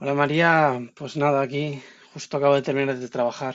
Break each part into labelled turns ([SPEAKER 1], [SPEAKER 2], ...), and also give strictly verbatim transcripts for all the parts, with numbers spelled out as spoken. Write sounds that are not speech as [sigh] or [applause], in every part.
[SPEAKER 1] Hola María, pues nada, aquí justo acabo de terminar de trabajar.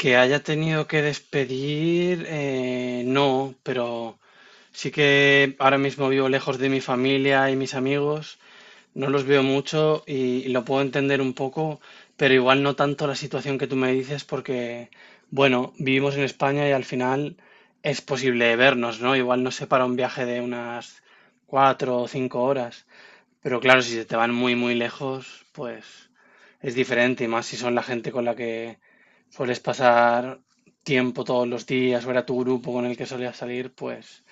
[SPEAKER 1] Que haya tenido que despedir, eh, no, pero sí que ahora mismo vivo lejos de mi familia y mis amigos, no los veo mucho y, y lo puedo entender un poco, pero igual no tanto la situación que tú me dices porque, bueno, vivimos en España y al final es posible vernos, ¿no? Igual nos separa un viaje de unas cuatro o cinco horas. Pero claro, si se te van muy, muy lejos, pues es diferente, y más si son la gente con la que sueles pasar tiempo todos los días o era tu grupo con el que solías salir, pues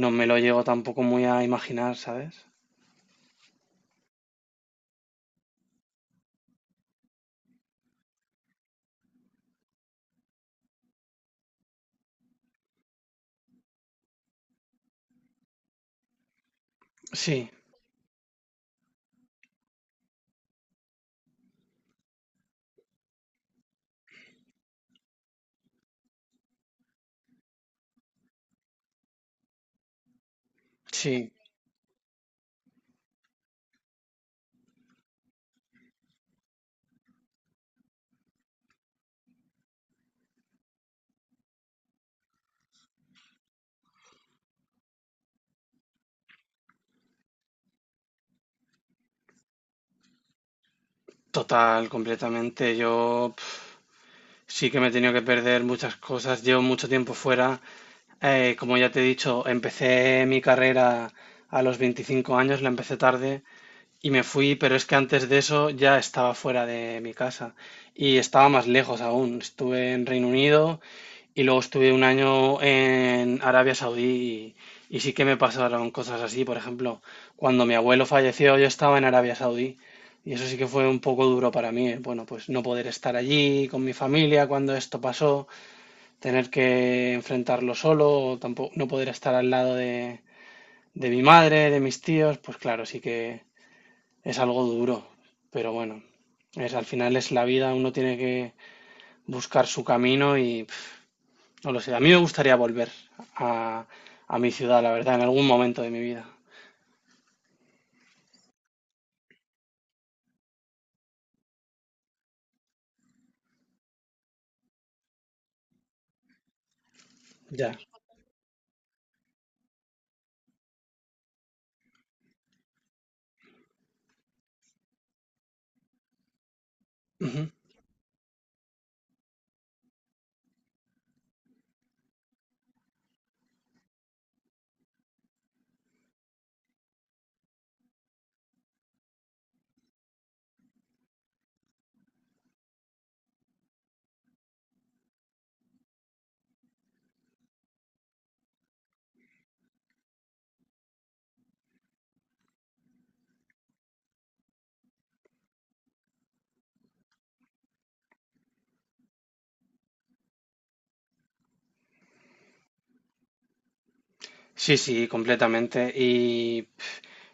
[SPEAKER 1] no me lo llego tampoco muy a imaginar, ¿sabes? Sí, sí, total, completamente. Yo pf, sí que me he tenido que perder muchas cosas. Llevo mucho tiempo fuera. Eh, como ya te he dicho, empecé mi carrera a los veinticinco años, la empecé tarde. Y me fui, pero es que antes de eso ya estaba fuera de mi casa y estaba más lejos aún. Estuve en Reino Unido y luego estuve un año en Arabia Saudí y, y sí que me pasaron cosas así. Por ejemplo, cuando mi abuelo falleció yo estaba en Arabia Saudí y eso sí que fue un poco duro para mí. ¿Eh? Bueno, pues no poder estar allí con mi familia cuando esto pasó, tener que enfrentarlo solo, o tampoco no poder estar al lado de, de mi madre, de mis tíos, pues claro, sí que es algo duro, pero bueno, es, al final es la vida, uno tiene que buscar su camino y pf, no lo sé. A mí me gustaría volver a, a mi ciudad, la verdad, en algún momento de mi vida. Ya. Ujú. Sí, sí, completamente. Y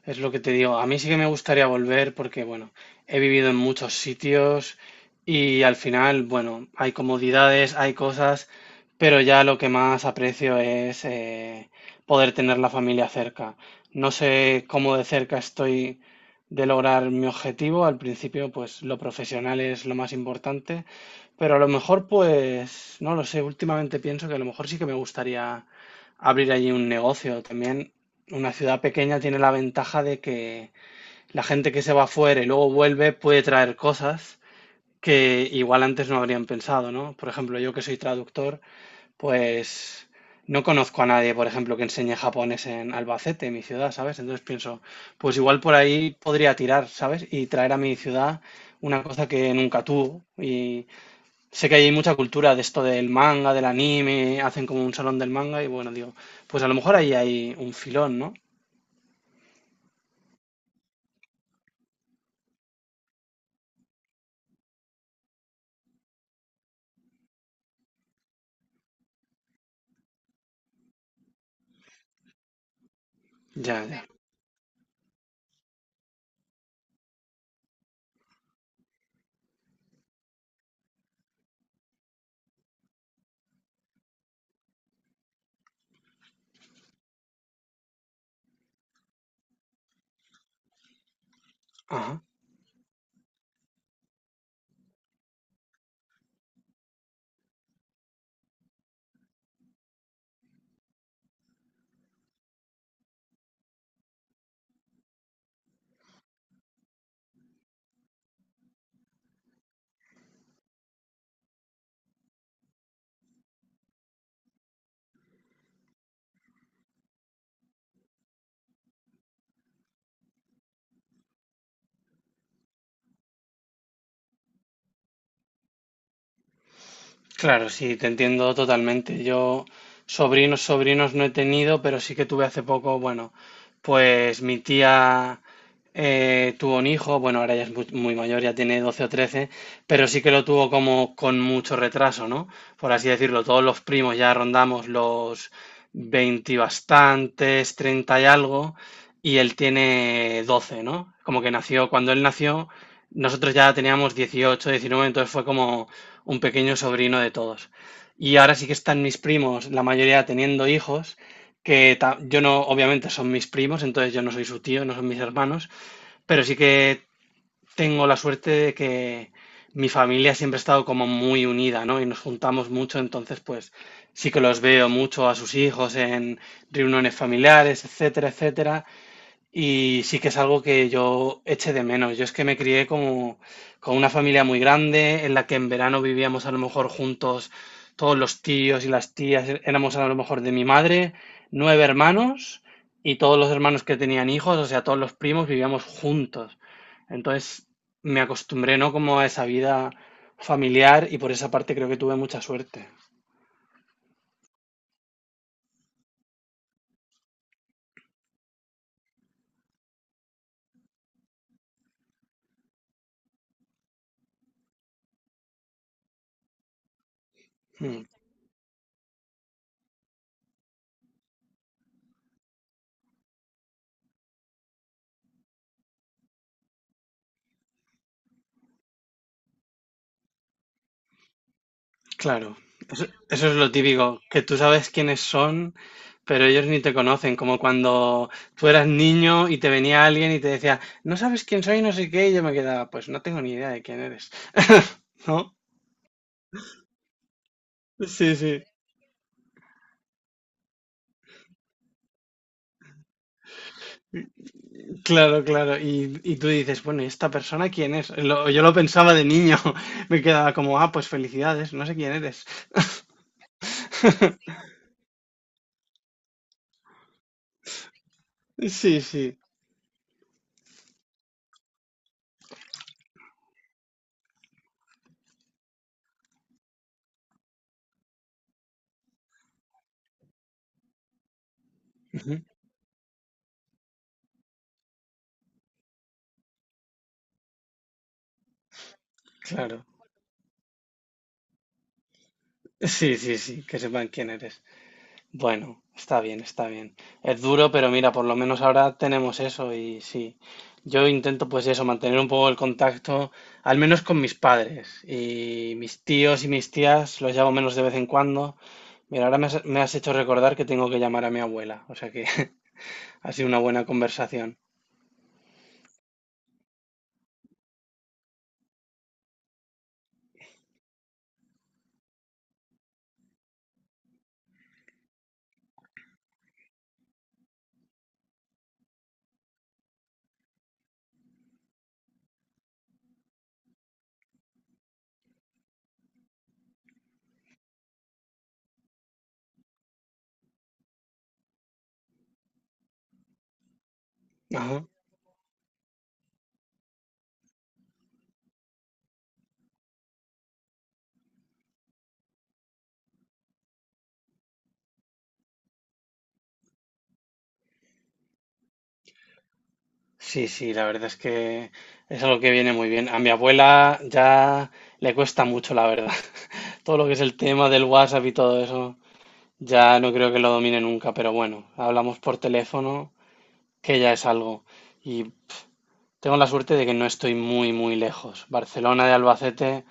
[SPEAKER 1] es lo que te digo, a mí sí que me gustaría volver porque, bueno, he vivido en muchos sitios y al final, bueno, hay comodidades, hay cosas, pero ya lo que más aprecio es eh, poder tener la familia cerca. No sé cómo de cerca estoy de lograr mi objetivo. Al principio, pues lo profesional es lo más importante, pero a lo mejor, pues, no lo sé, últimamente pienso que a lo mejor sí que me gustaría abrir allí un negocio también. Una ciudad pequeña tiene la ventaja de que la gente que se va fuera y luego vuelve puede traer cosas que igual antes no habrían pensado, ¿no? Por ejemplo, yo que soy traductor, pues no conozco a nadie, por ejemplo, que enseñe japonés en Albacete, en mi ciudad, ¿sabes? Entonces pienso, pues igual por ahí podría tirar, ¿sabes? Y traer a mi ciudad una cosa que nunca tuvo. Y sé que hay mucha cultura de esto del manga, del anime, hacen como un salón del manga y bueno, digo, pues a lo mejor ahí hay un filón, ¿no? Ya, ya. Ajá. Claro, sí, te entiendo totalmente. Yo sobrinos, sobrinos no he tenido, pero sí que tuve hace poco, bueno, pues mi tía eh, tuvo un hijo, bueno, ahora ya es mu- muy, mayor, ya tiene doce o trece, pero sí que lo tuvo como con mucho retraso, ¿no? Por así decirlo, todos los primos ya rondamos los veinte y bastantes, treinta y algo, y él tiene doce, ¿no? Como que nació, cuando él nació, nosotros ya teníamos dieciocho, diecinueve, entonces fue como un pequeño sobrino de todos. Y ahora sí que están mis primos, la mayoría teniendo hijos, que ta- yo no, obviamente son mis primos, entonces yo no soy su tío, no son mis hermanos, pero sí que tengo la suerte de que mi familia siempre ha estado como muy unida, ¿no? Y nos juntamos mucho, entonces pues sí que los veo mucho a sus hijos en reuniones familiares, etcétera, etcétera. Y sí que es algo que yo eché de menos. Yo es que me crié como con una familia muy grande, en la que en verano vivíamos a lo mejor juntos todos los tíos y las tías. é- Éramos a lo mejor de mi madre, nueve hermanos y todos los hermanos que tenían hijos, o sea, todos los primos vivíamos juntos. Entonces me acostumbré, ¿no? Como a esa vida familiar y por esa parte creo que tuve mucha suerte. Hmm. Claro, eso, eso es lo típico, que tú sabes quiénes son, pero ellos ni te conocen, como cuando tú eras niño y te venía alguien y te decía, no sabes quién soy, no sé qué, y yo me quedaba, pues no tengo ni idea de quién eres, [laughs] ¿no? Sí, sí, claro, claro. Y, y tú dices, bueno, ¿y esta persona quién es? Lo- yo lo pensaba de niño, [laughs] me quedaba como, ah, pues felicidades, no sé quién eres. [laughs] Sí, sí, ujú, claro. Sí, sí, sí, que sepan quién eres. Bueno, está bien, está bien. Es duro, pero mira, por lo menos ahora tenemos eso y sí. Yo intento pues eso, mantener un poco el contacto, al menos con mis padres y mis tíos y mis tías, los llamo menos de vez en cuando. Mira, ahora me has, me has hecho recordar que tengo que llamar a mi abuela, o sea que [laughs] ha sido una buena conversación. Ajá. Sí, sí, la verdad es que es algo que viene muy bien. A mi abuela ya le cuesta mucho, la verdad. [laughs] Todo lo que es el tema del WhatsApp y todo eso. Ya no creo que lo domine nunca, pero bueno, hablamos por teléfono, que ya es algo. Y tengo la suerte de que no estoy muy, muy lejos. Barcelona de Albacete,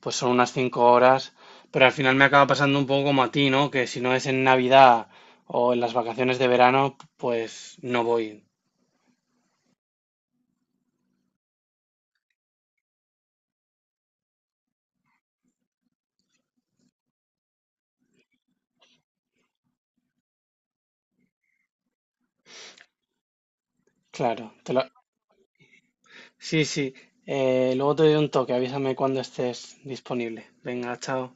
[SPEAKER 1] pues son unas cinco horas, pero al final me acaba pasando un poco como a ti, ¿no? Que si no es en Navidad o en las vacaciones de verano, pues no voy. Claro, te lo- Sí, sí. Eh, luego te doy un toque, avísame cuando estés disponible. Venga, chao.